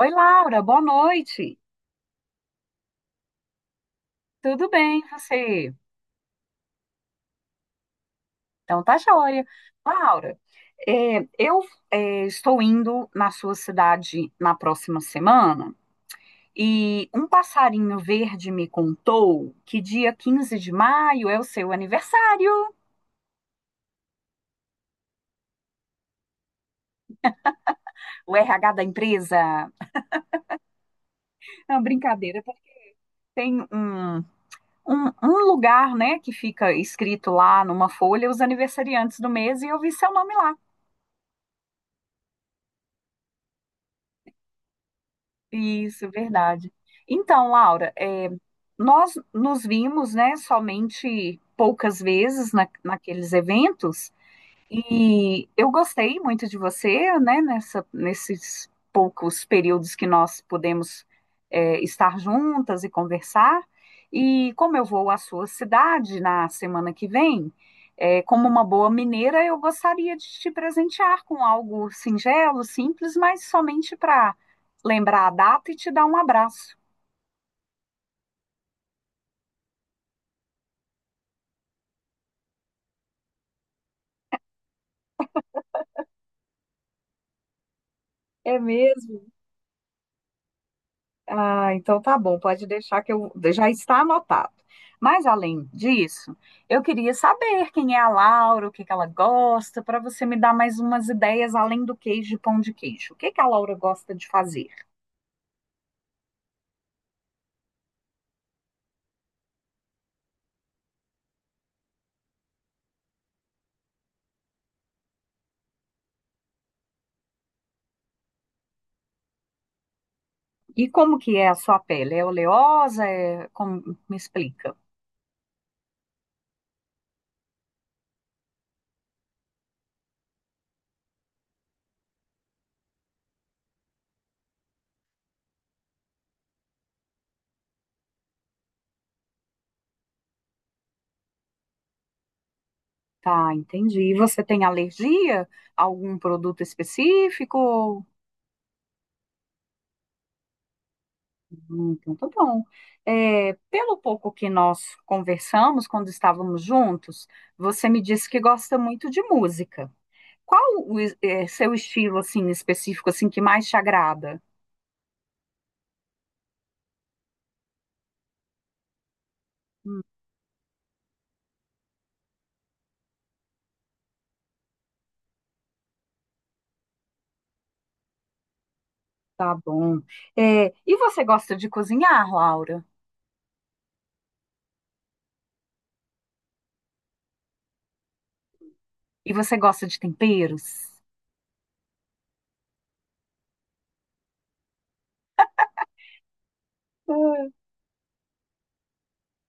Oi, Laura, boa noite. Tudo bem, e você? Então tá joia. Laura, é, eu estou indo na sua cidade na próxima semana e um passarinho verde me contou que dia 15 de maio é o seu aniversário, o RH da empresa. Não, brincadeira, porque tem um lugar, né, que fica escrito lá numa folha os aniversariantes do mês e eu vi seu nome lá. Isso, verdade. Então, Laura, nós nos vimos, né, somente poucas vezes naqueles eventos, e eu gostei muito de você, né, nesses poucos períodos que nós podemos estar juntas e conversar. E como eu vou à sua cidade na semana que vem, como uma boa mineira, eu gostaria de te presentear com algo singelo, simples, mas somente para lembrar a data e te dar um abraço. É mesmo? Ah, então tá bom, pode deixar que eu já está anotado. Mas além disso, eu queria saber quem é a Laura, o que que ela gosta, para você me dar mais umas ideias além do queijo e pão de queijo. O que que a Laura gosta de fazer? E como que é a sua pele? É oleosa? É... Como... Me explica. Tá, entendi. E você tem alergia a algum produto específico? Então, tá bom. É, pelo pouco que nós conversamos quando estávamos juntos, você me disse que gosta muito de música. Qual seu estilo assim específico assim que mais te agrada? Tá bom. É, e você gosta de cozinhar, Laura? E você gosta de temperos?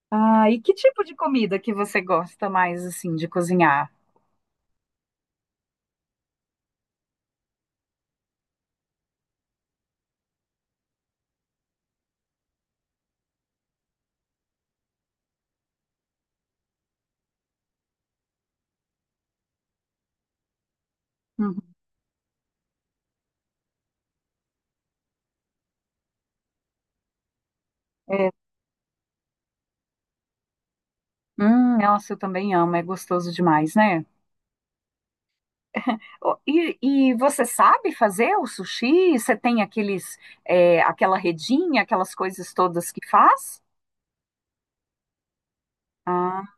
Ah, e que tipo de comida que você gosta mais assim de cozinhar? Uhum. É, nossa, eu também amo, é gostoso demais, né? Ó, e você sabe fazer o sushi? Você tem aqueles, aquela redinha, aquelas coisas todas que faz? Ah,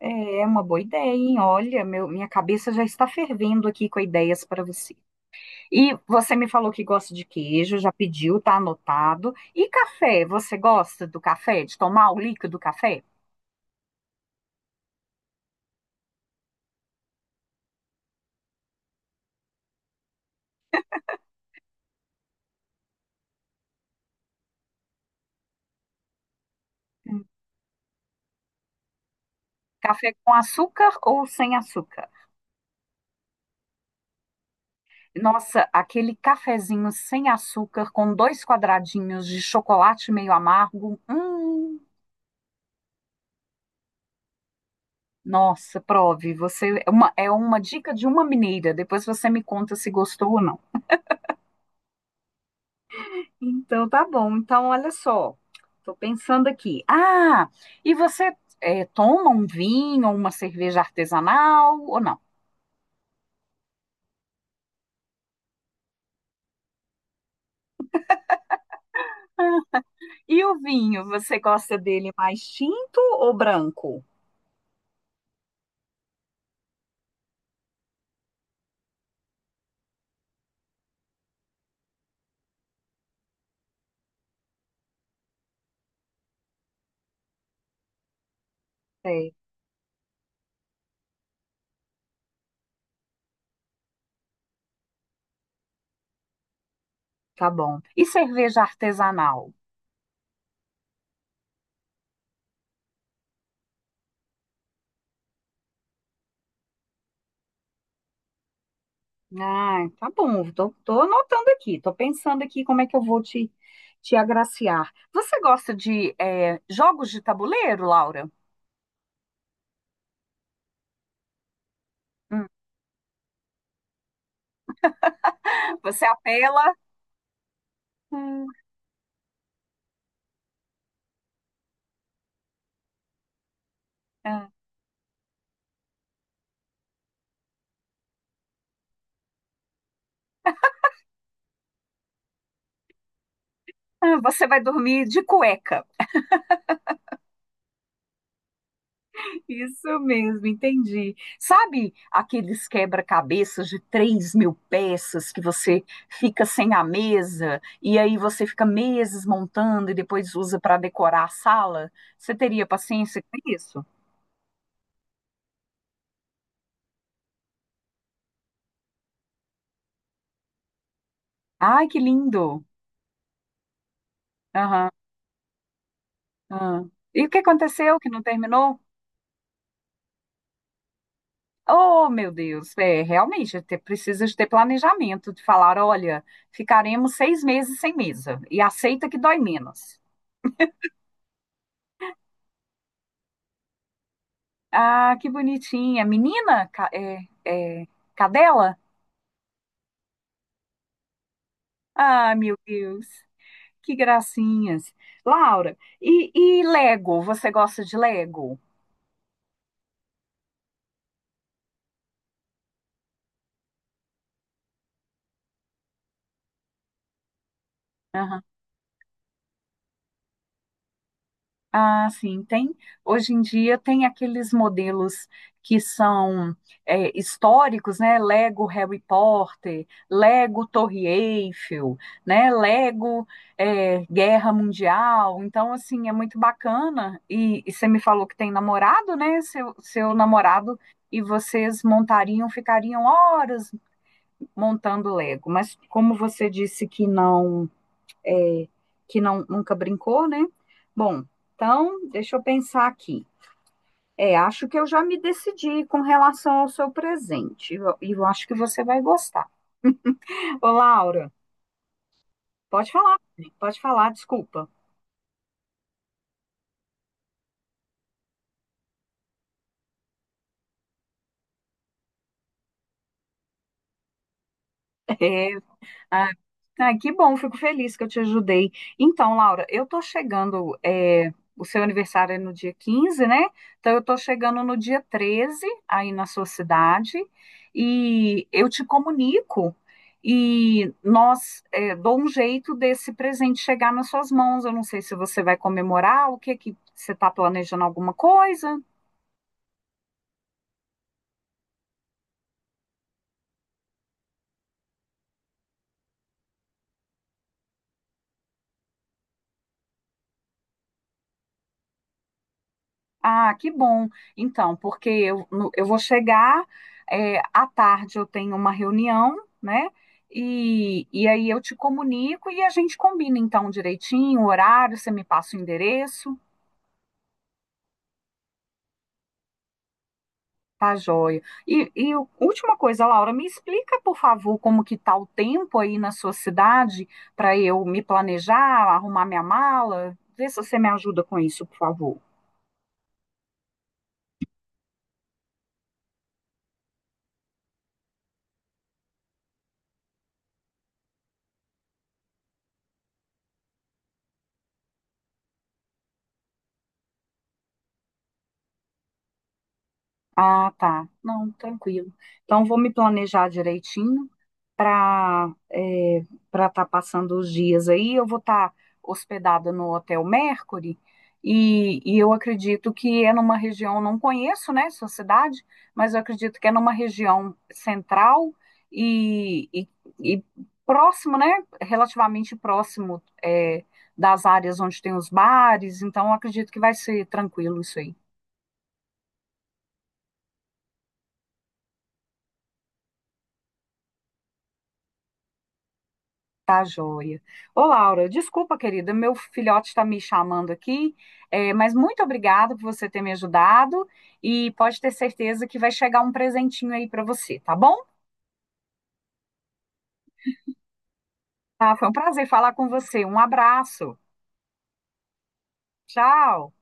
é uma boa ideia, hein? Olha, minha cabeça já está fervendo aqui com ideias para você. E você me falou que gosta de queijo, já pediu, tá anotado. E café, você gosta do café? De tomar o líquido do café? Hum. Café com açúcar ou sem açúcar? Nossa, aquele cafezinho sem açúcar com dois quadradinhos de chocolate meio amargo. Nossa, prove. Você é uma dica de uma mineira. Depois você me conta se gostou ou não. Então tá bom. Então olha só, tô pensando aqui. Ah, e você toma um vinho ou uma cerveja artesanal ou não? E o vinho, você gosta dele mais tinto ou branco? É, tá bom. E cerveja artesanal? Ah, tá bom. Tô anotando aqui. Tô pensando aqui como é que eu vou te agraciar. Você gosta de jogos de tabuleiro, Laura? Hum. Você apela. Hum, ah, Você vai dormir de cueca. Isso mesmo, entendi. Sabe aqueles quebra-cabeças de 3 mil peças que você fica sem a mesa e aí você fica meses montando e depois usa para decorar a sala? Você teria paciência com isso? Ai, que lindo! Aham. Aham. E o que aconteceu que não terminou? Oh, meu Deus, é, realmente precisa de ter planejamento, de falar, olha, ficaremos 6 meses sem mesa e aceita que dói menos. Ah, que bonitinha. Menina? É, cadela? Ah, meu Deus, que gracinhas. Laura, e Lego? Você gosta de Lego? Ah, sim, tem. Hoje em dia tem aqueles modelos que são históricos, né? Lego Harry Potter, Lego Torre Eiffel, né? Lego Guerra Mundial. Então, assim, é muito bacana. E você me falou que tem namorado, né? Seu namorado e vocês montariam, ficariam horas montando Lego. Mas como você disse que é, não, nunca brincou, né? Bom, então, deixa eu pensar aqui. É, acho que eu já me decidi com relação ao seu presente. E eu acho que você vai gostar. Ô, Laura, pode falar, pode falar, desculpa. Ah, ah, que bom, fico feliz que eu te ajudei. Então, Laura, eu tô chegando, é, o seu aniversário é no dia 15, né? Então, eu tô chegando no dia 13 aí na sua cidade, e eu te comunico, e nós, é, dou um jeito desse presente chegar nas suas mãos. Eu não sei se você vai comemorar, o que que você está planejando alguma coisa? Ah, que bom. Então, porque eu, no- eu vou chegar, é, à tarde eu tenho uma reunião, né? E aí eu te comunico e a gente combina então direitinho o horário, você me passa o endereço, tá joia. Última coisa, Laura, me explica, por favor, como que tá o tempo aí na sua cidade para eu me planejar, arrumar minha mala? Vê se você me ajuda com isso, por favor. Ah, tá. Não, tranquilo. Então, vou me planejar direitinho para para estar passando os dias aí. Eu vou estar hospedada no Hotel Mercury e eu acredito que é numa região, não conheço, né, sua cidade, mas eu acredito que é numa região central e, e, e próximo, né, relativamente próximo das áreas onde tem os bares. Então, eu acredito que vai ser tranquilo isso aí. Tá joia. Ô, Laura, desculpa, querida, meu filhote está me chamando aqui, mas muito obrigada por você ter me ajudado e pode ter certeza que vai chegar um presentinho aí para você, tá bom? Tá, foi um prazer falar com você. Um abraço. Tchau.